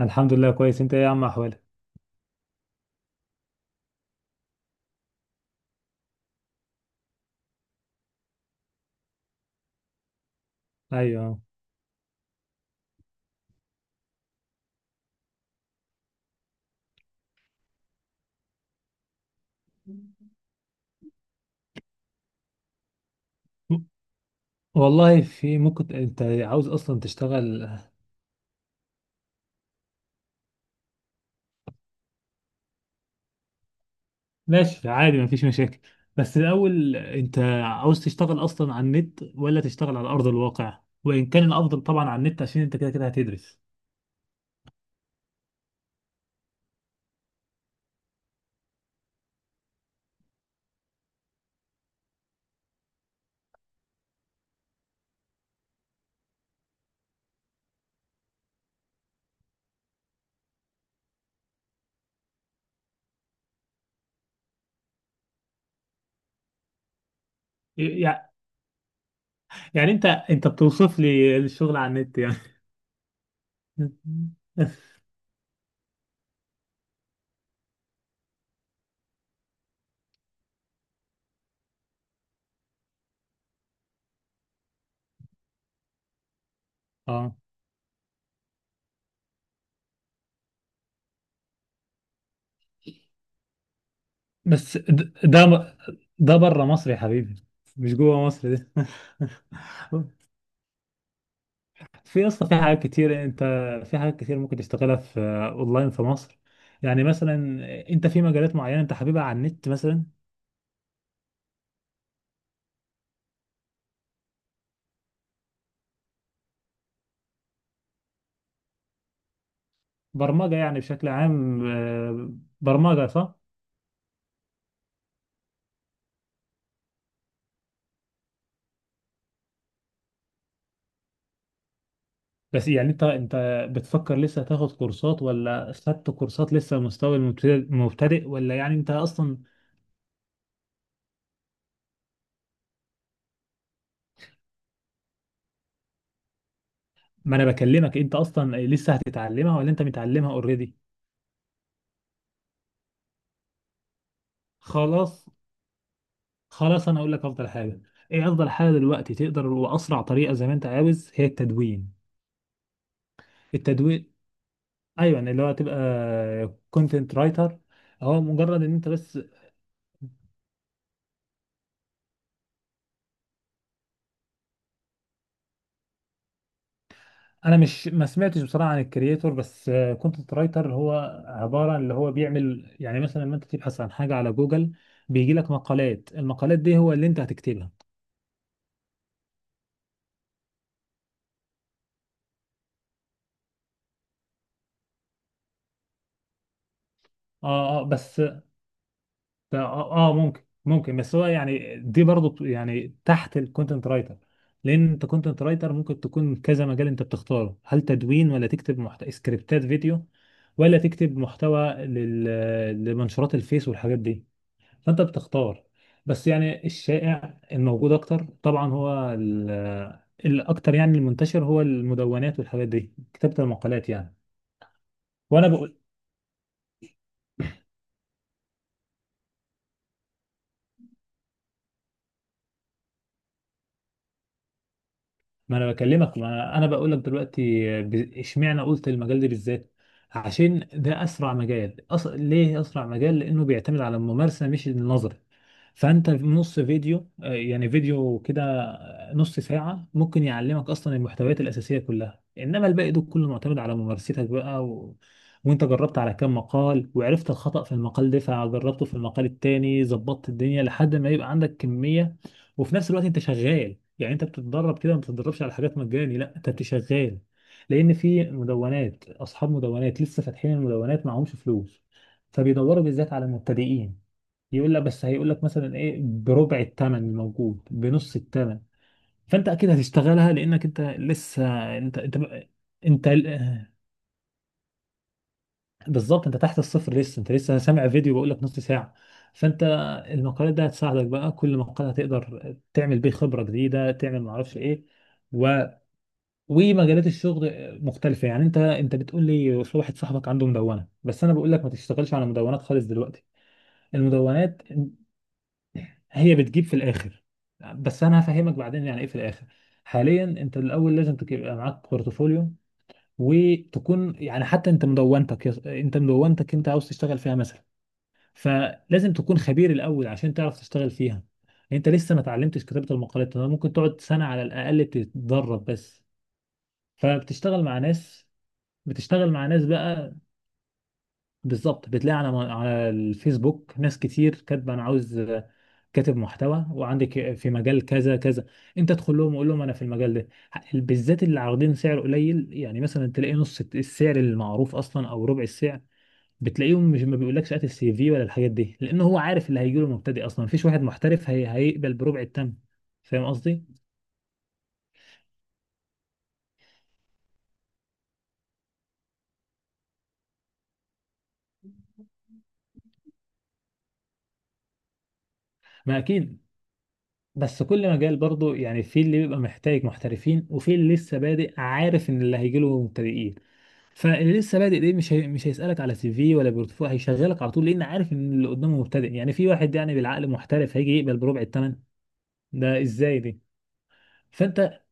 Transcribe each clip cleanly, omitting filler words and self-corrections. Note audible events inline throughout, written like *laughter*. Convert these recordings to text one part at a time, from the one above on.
الحمد لله كويس. انت ايه يا عم، احوالك؟ ايوه. م- والله في، ممكن انت عاوز اصلا تشتغل؟ ماشي عادي مفيش مشاكل. بس الاول انت عاوز تشتغل اصلا على النت ولا تشتغل على ارض الواقع؟ وان كان الافضل طبعا على النت عشان انت كده كده هتدرس. يع- يعني انت بتوصف لي الشغل على النت يعني؟ *laughs* اه بس ده بره مصر يا حبيبي، مش جوه مصر ده. *laughs* في اصلا في حاجات كتير انت، في حاجات كتير ممكن تشتغلها في اونلاين في مصر. يعني مثلا انت في مجالات معينه انت حاببها على النت مثلا؟ برمجه يعني بشكل عام، برمجه صح. بس يعني انت بتفكر لسه تاخد كورسات ولا خدت كورسات لسه مستوى المبتدئ مبتدئ ولا يعني انت اصلا؟ ما انا بكلمك انت اصلا لسه هتتعلمها ولا انت متعلمها اوريدي. خلاص، خلاص انا اقول لك افضل حاجه. ايه افضل حاجه دلوقتي تقدر واسرع طريقه زي ما انت عاوز؟ هي التدوين. التدوين، ايوه، يعني اللي هو تبقى كونتنت رايتر. هو مجرد ان انت بس، انا مش ما سمعتش بصراحه عن الكرييتور، بس كونتنت رايتر هو عباره عن اللي هو بيعمل يعني مثلا لما انت تبحث عن حاجه على جوجل بيجي لك مقالات. المقالات دي هو اللي انت هتكتبها. اه اه بس اه، ممكن ممكن بس هو يعني دي برضو يعني تحت الكونتنت رايتر. لان انت كونتنت رايتر ممكن تكون كذا مجال انت بتختاره. هل تدوين ولا تكتب سكريبتات فيديو، ولا تكتب محتوى لمنشورات الفيس والحاجات دي؟ فانت بتختار. بس يعني الشائع الموجود اكتر طبعا هو الاكتر، يعني المنتشر هو المدونات والحاجات دي، كتابة المقالات يعني. وانا بقول، ما انا بكلمك، ما انا بقول لك دلوقتي، اشمعنى قلت المجال ده بالذات؟ عشان ده اسرع مجال. ليه اسرع مجال؟ لانه بيعتمد على الممارسه مش النظر. فانت في نص فيديو، يعني فيديو كده، نص ساعه ممكن يعلمك اصلا المحتويات الاساسيه كلها، انما الباقي ده كله معتمد على ممارستك بقى، وانت جربت على كام مقال وعرفت الخطأ في المقال ده فجربته في المقال التاني ظبطت الدنيا لحد ما يبقى عندك كميه. وفي نفس الوقت انت شغال، يعني انت بتتدرب كده. ما بتتدربش على حاجات مجاني، لا، انت بتشغال. لان في مدونات، اصحاب مدونات لسه فاتحين المدونات معهمش فلوس، فبيدوروا بالذات على المبتدئين. يقول لك بس، هيقول لك مثلا ايه؟ بربع الثمن الموجود، بنص الثمن. فانت اكيد هتشتغلها لانك انت لسه، انت انت انت بالظبط انت تحت الصفر لسه، انت لسه سامع فيديو بقول لك نص ساعه. فانت، المقالات دي هتساعدك بقى. كل مقال هتقدر تعمل بيه خبره جديده، تعمل ما اعرفش ايه، و... ومجالات الشغل مختلفه. يعني انت بتقول لي في واحد صاحبك عنده مدونه، بس انا بقول لك ما تشتغلش على مدونات خالص دلوقتي. المدونات هي بتجيب في الاخر، بس انا هفهمك بعدين يعني ايه في الاخر. حاليا انت الاول لازم تبقى معاك بورتفوليو، وتكون، يعني حتى انت مدونتك، انت مدونتك انت عاوز تشتغل فيها مثلا، فلازم تكون خبير الاول عشان تعرف تشتغل فيها. انت لسه ما اتعلمتش كتابة المقالات. انا ممكن تقعد سنة على الاقل تتدرب بس، فبتشتغل مع ناس. بتشتغل مع ناس بقى بالظبط. بتلاقي على على الفيسبوك ناس كتير كاتبه: انا عاوز كاتب محتوى وعندك في مجال كذا كذا. انت ادخل لهم وقول لهم انا في المجال ده. بالذات اللي عارضين سعر قليل، يعني مثلا تلاقي نص السعر المعروف اصلا او ربع السعر. بتلاقيهم مش ما بيقولكش هات السي في ولا الحاجات دي، لان هو عارف اللي هيجيله مبتدئ اصلا. مفيش واحد محترف هيقبل بربع التمن. فاهم قصدي؟ ما اكيد، بس كل مجال برضه يعني في اللي بيبقى محتاج محترفين وفي اللي لسه بادئ عارف ان اللي هيجيله مبتدئين. فاللي لسه بادئ ده مش مش هيسالك على سي في ولا بورتفوليو، هيشغلك على طول، لان عارف ان اللي قدامه مبتدئ. يعني في واحد يعني بالعقل محترف هيجي يقبل بربع التمن ده؟ ازاي دي؟ فانت،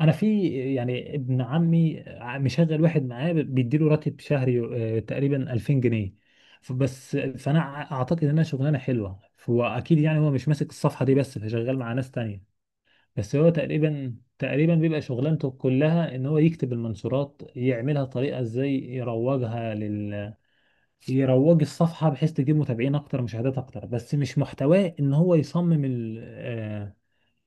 انا في، يعني ابن عمي مشغل واحد معاه بيديله راتب شهري، تقريبا 2000 جنيه. بس فانا اعتقد انها شغلانه حلوه. هو اكيد يعني هو مش ماسك الصفحه دي بس، فشغال مع ناس تانية. بس هو تقريبا تقريبا بيبقى شغلانته كلها ان هو يكتب المنشورات، يعملها طريقه ازاي يروجها لل، يروج الصفحه بحيث تجيب متابعين اكتر، مشاهدات اكتر. بس مش محتواه ان هو يصمم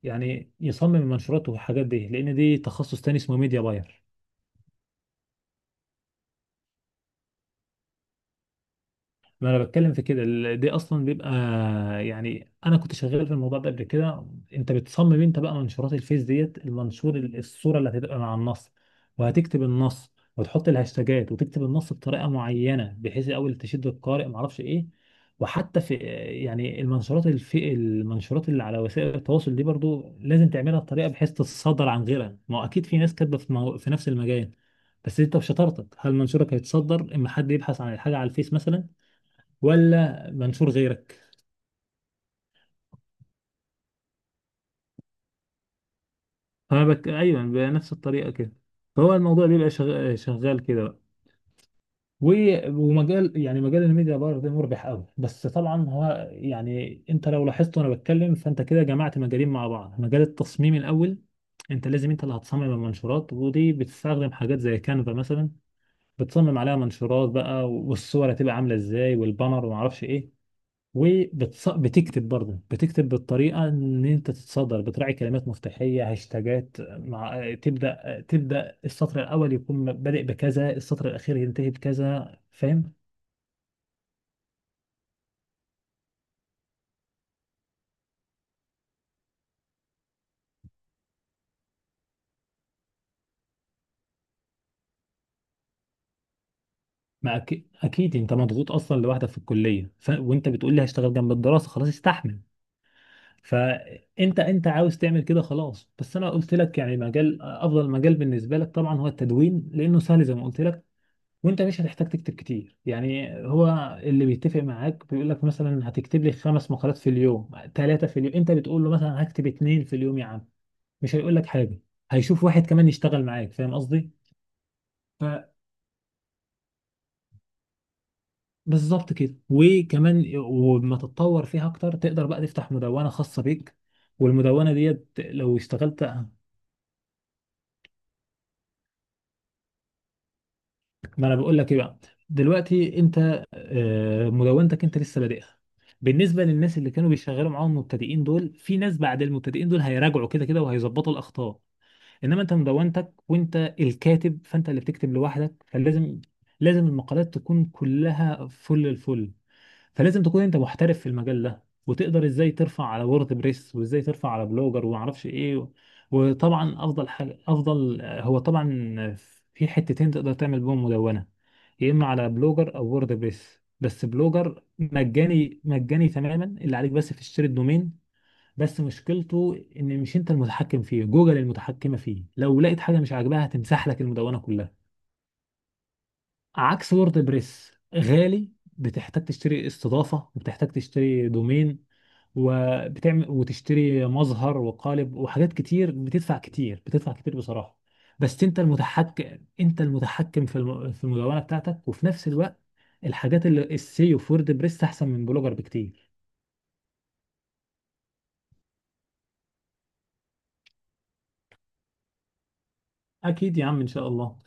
يعني يصمم منشوراته والحاجات دي، لان دي تخصص تاني اسمه ميديا باير. ما انا بتكلم في كده دي اصلا بيبقى يعني انا كنت شغال في الموضوع ده قبل كده. انت بتصمم انت بقى منشورات الفيس ديت المنشور الصوره اللي هتبقى مع النص، وهتكتب النص، وتحط الهاشتاجات، وتكتب النص بطريقه معينه بحيث الاول تشد القارئ ما اعرفش ايه. وحتى في، يعني المنشورات الفي المنشورات اللي على وسائل التواصل دي برضو لازم تعملها بطريقه بحيث تتصدر عن غيرها. ما هو اكيد في ناس كاتبه في، في نفس المجال. بس انت بشطارتك هل منشورك هيتصدر اما حد يبحث عن الحاجه على الفيس مثلا، ولا منشور غيرك؟ انا ايوه بنفس الطريقه كده. فهو الموضوع بيبقى شغال كده بقى. ومجال، يعني مجال الميديا باير ده مربح قوي. بس طبعا هو يعني انت لو لاحظت وانا بتكلم فانت كده جمعت مجالين مع بعض. مجال التصميم الاول، انت لازم انت اللي هتصمم المنشورات، ودي بتستخدم حاجات زي كانفا مثلا. بتصمم عليها منشورات بقى، والصور هتبقى عامله ازاي، والبانر، وما اعرفش ايه. وبتكتب برضه، بتكتب بالطريقه ان انت تتصدر، بتراعي كلمات مفتاحيه، هاشتاجات، مع تبدا السطر الاول يكون بادئ بكذا، السطر الاخير ينتهي بكذا. فاهم؟ ما أكيد، اكيد انت مضغوط اصلا لوحدك في الكليه. وانت بتقول لي هشتغل جنب الدراسه، خلاص استحمل. فانت انت عاوز تعمل كده، خلاص. بس انا قلت لك يعني مجال افضل مجال بالنسبه لك طبعا هو التدوين لانه سهل زي ما قلت لك. وانت مش هتحتاج تكتب كتير، يعني هو اللي بيتفق معاك بيقول لك مثلا هتكتب لي 5 مقالات في اليوم، 3 في اليوم، انت بتقول له مثلا هكتب 2 في اليوم يا عم، مش هيقول لك حاجة، هيشوف واحد كمان يشتغل معاك. فاهم قصدي؟ فبالظبط كده. وكمان وما تتطور فيها اكتر تقدر بقى تفتح مدونة خاصة بيك، والمدونة ديت لو اشتغلت. ما انا بقول لك ايه بقى. دلوقتي انت، مدونتك انت لسه بادئها. بالنسبه للناس اللي كانوا بيشغلوا معاهم المبتدئين دول في ناس بعد المبتدئين دول هيراجعوا كده كده وهيظبطوا الاخطاء. انما انت مدونتك وانت الكاتب، فانت اللي بتكتب لوحدك، فلازم، لازم المقالات تكون كلها فل الفل. فلازم تكون انت محترف في المجال ده، وتقدر ازاي ترفع على وورد بريس وازاي ترفع على بلوجر وما اعرفش ايه. وطبعا افضل حاجه افضل هو طبعا في حتتين تقدر تعمل بهم مدونه: يا اما على بلوجر او وورد بريس. بس بلوجر مجاني مجاني تماما، اللي عليك بس تشتري الدومين. بس مشكلته ان مش انت المتحكم فيه، جوجل المتحكمه فيه. لو لقيت حاجه مش عاجباها هتمسح لك المدونه كلها. عكس ووردبريس، غالي، بتحتاج تشتري استضافة وبتحتاج تشتري دومين، وبتعمل وتشتري مظهر وقالب وحاجات كتير. بتدفع كتير، بتدفع كتير بصراحة. بس انت المتحكم، انت المتحكم في في المدونة بتاعتك. وفي نفس الوقت الحاجات اللي السيو في ووردبريس احسن من بلوجر بكتير. اكيد يا عم ان شاء الله.